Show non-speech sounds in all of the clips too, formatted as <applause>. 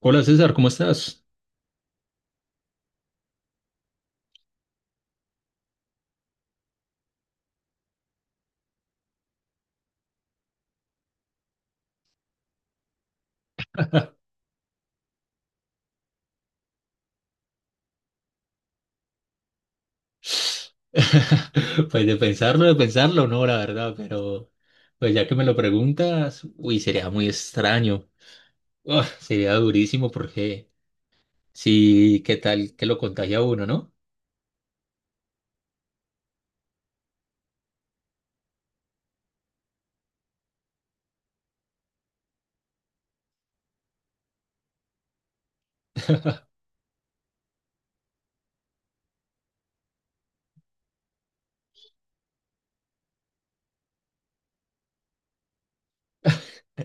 Hola César, ¿cómo estás? <laughs> Pues de pensarlo, no, la verdad, pero pues ya que me lo preguntas, uy, sería muy extraño. Uf, sería durísimo porque sí, ¿qué tal que lo contagia a uno, no?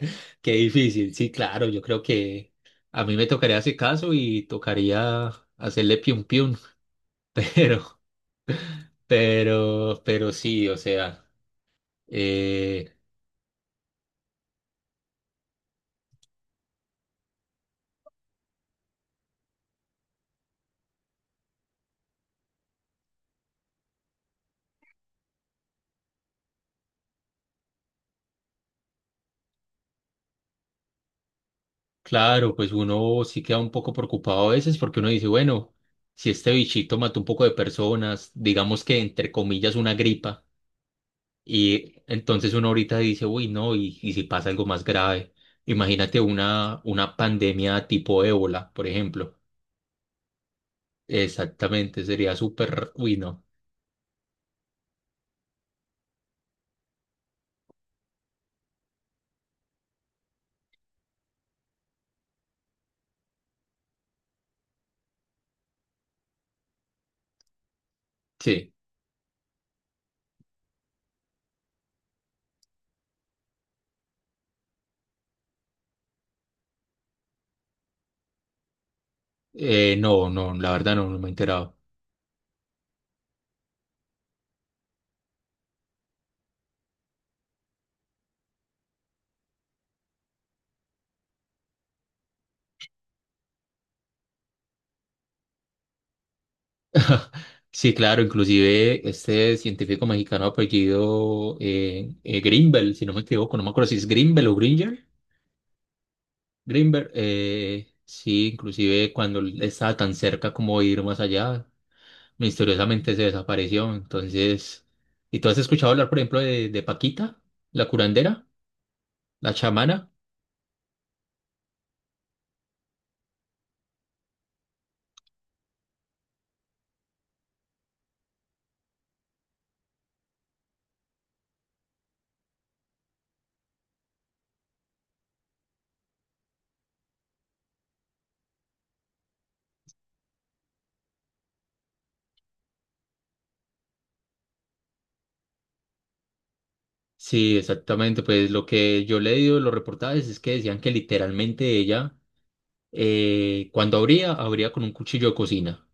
<laughs> Qué difícil, sí, claro, yo creo que a mí me tocaría ese caso y tocaría hacerle piun piun, <laughs> pero, pero sí, o sea, eh, claro, pues uno sí queda un poco preocupado a veces porque uno dice, bueno, si este bichito mató un poco de personas, digamos que entre comillas una gripa, y entonces uno ahorita dice, uy, no, y si pasa algo más grave, imagínate una pandemia tipo ébola, por ejemplo. Exactamente, sería súper, uy, no. Sí, no, no, la verdad no me he enterado. Sí, claro, inclusive este científico mexicano apellido Greenbel, si no me equivoco, no me acuerdo si es Greenbel o Gringer. Greenberg, sí, inclusive cuando él estaba tan cerca como de ir más allá, misteriosamente se desapareció. Entonces, ¿y tú has escuchado hablar, por ejemplo, de Paquita, la curandera, la chamana? Sí, exactamente. Pues lo que yo leí de los reportajes es que decían que literalmente ella, cuando abría con un cuchillo de cocina.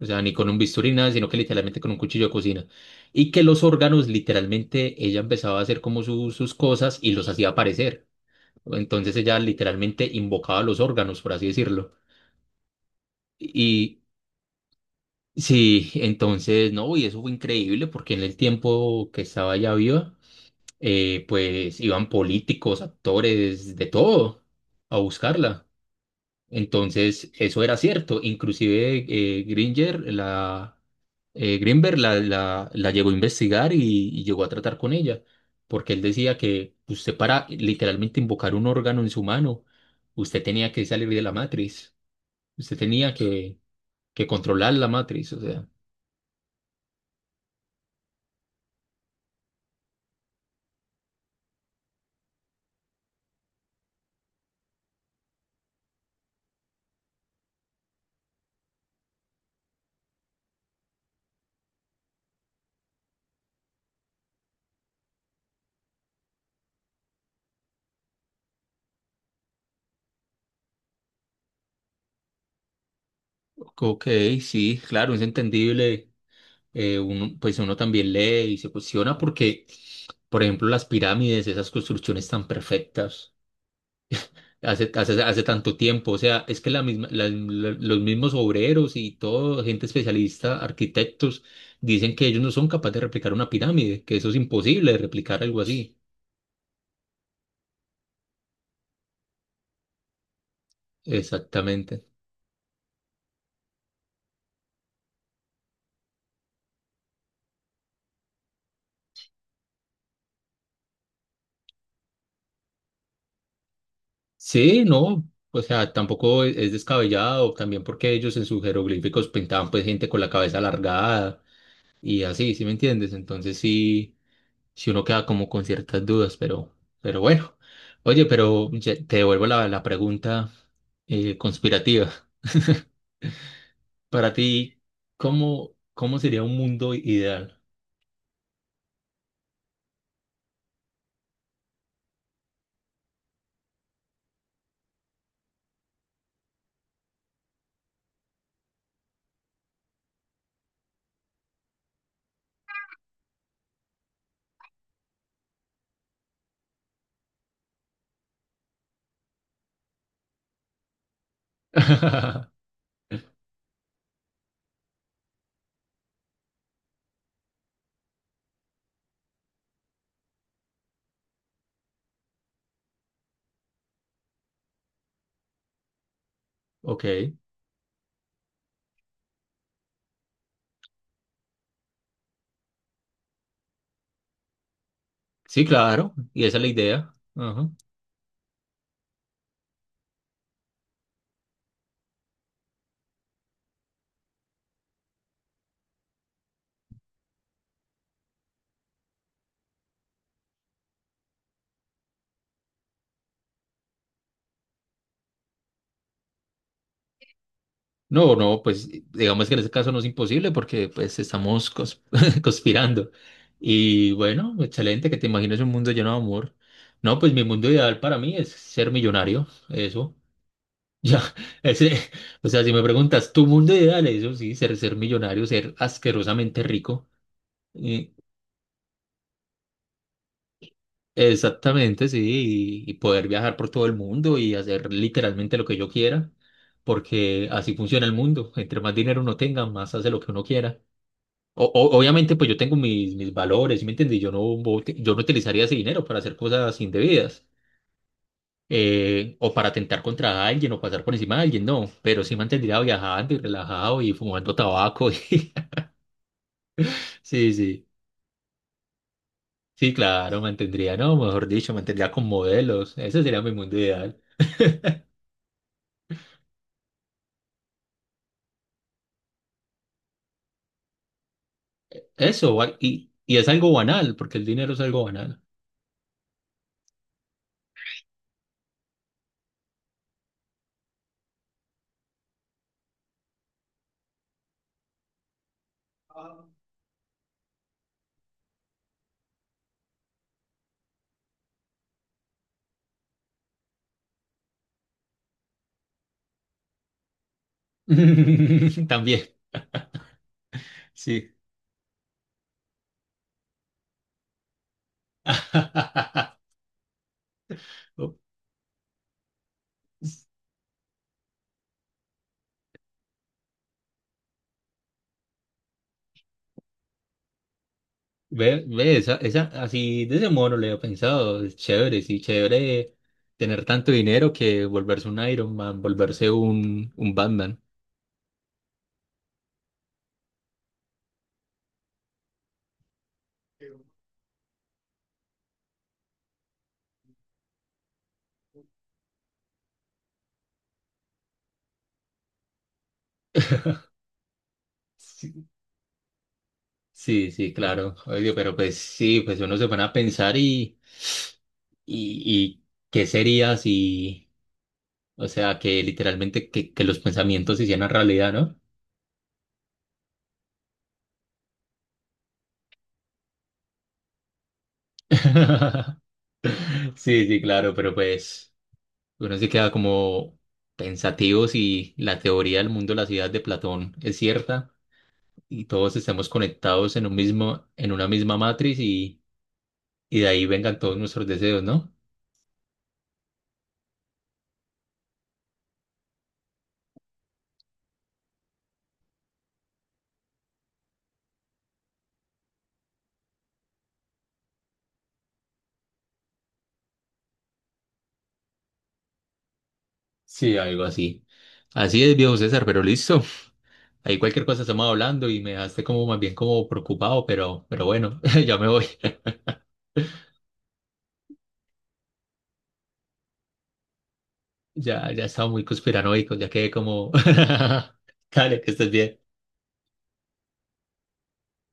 O sea, ni con un bisturí, nada, sino que literalmente con un cuchillo de cocina. Y que los órganos, literalmente, ella empezaba a hacer como sus cosas y los hacía aparecer. Entonces ella literalmente invocaba los órganos, por así decirlo. Y sí, entonces, no, y eso fue increíble porque en el tiempo que estaba ya viva, pues iban políticos, actores, de todo, a buscarla. Entonces, eso era cierto. Inclusive Gringer, Greenberg la llegó a investigar y llegó a tratar con ella, porque él decía que usted para literalmente invocar un órgano en su mano, usted tenía que salir de la matriz, usted tenía que controlar la matriz. O sea, ok, sí, claro, es entendible. Pues uno también lee y se cuestiona porque, por ejemplo, las pirámides, esas construcciones tan perfectas. Hace tanto tiempo. O sea, es que la misma, los mismos obreros y todo, gente especialista, arquitectos, dicen que ellos no son capaces de replicar una pirámide, que eso es imposible de replicar algo así. Exactamente. Sí, no, o sea, tampoco es descabellado, también porque ellos en sus jeroglíficos pintaban pues gente con la cabeza alargada y así, ¿sí me entiendes? Entonces sí, si uno queda como con ciertas dudas, pero bueno. Oye, pero te devuelvo la pregunta conspirativa. <laughs> Para ti, ¿ cómo sería un mundo ideal? <laughs> Ok, sí, claro, y esa es la idea. Ajá. No, no, pues digamos que en ese caso no es imposible porque pues estamos <laughs> conspirando. Y bueno, excelente que te imagines un mundo lleno de amor. No, pues mi mundo ideal para mí es ser millonario, eso. <laughs> Ya, ese, o sea, si me preguntas, tu mundo ideal, eso sí, ser millonario, ser asquerosamente rico. y- Exactamente, sí, y poder viajar por todo el mundo y hacer literalmente lo que yo quiera, porque así funciona el mundo. Entre más dinero uno tenga, más hace lo que uno quiera. Obviamente, pues yo tengo mis valores, ¿sí, me entendí? Yo no, Yo no utilizaría ese dinero para hacer cosas indebidas, o para atentar contra alguien o pasar por encima de alguien, no, pero sí mantendría viajando y relajado y fumando tabaco. <laughs> Sí, sí, sí, claro, mantendría, no, mejor dicho, mantendría con modelos, ese sería mi mundo ideal. Eso, y es algo banal, porque el dinero es algo banal. <laughs> También, sí. <laughs> Ve, ve, esa, así de ese modo no le he pensado, es chévere, sí, chévere tener tanto dinero que volverse un Iron Man, volverse un Batman. Sí, sí, claro. Oye, pero pues sí, pues uno se pone a pensar y, y qué sería si, o sea, que literalmente que los pensamientos se hicieran realidad, ¿no? <laughs> Sí, sí, claro, pero pues uno se queda como pensativo si la teoría del mundo de la ciudad de Platón es cierta y todos estemos conectados en un mismo, en una misma matriz y de ahí vengan todos nuestros deseos, ¿no? Sí, algo así. Así es, viejo César, pero listo. Ahí cualquier cosa estamos hablando y me dejaste como más bien como preocupado, pero bueno, <laughs> ya me voy. Ya estaba muy conspiranoico, ya quedé como... <laughs> Dale, que estés bien.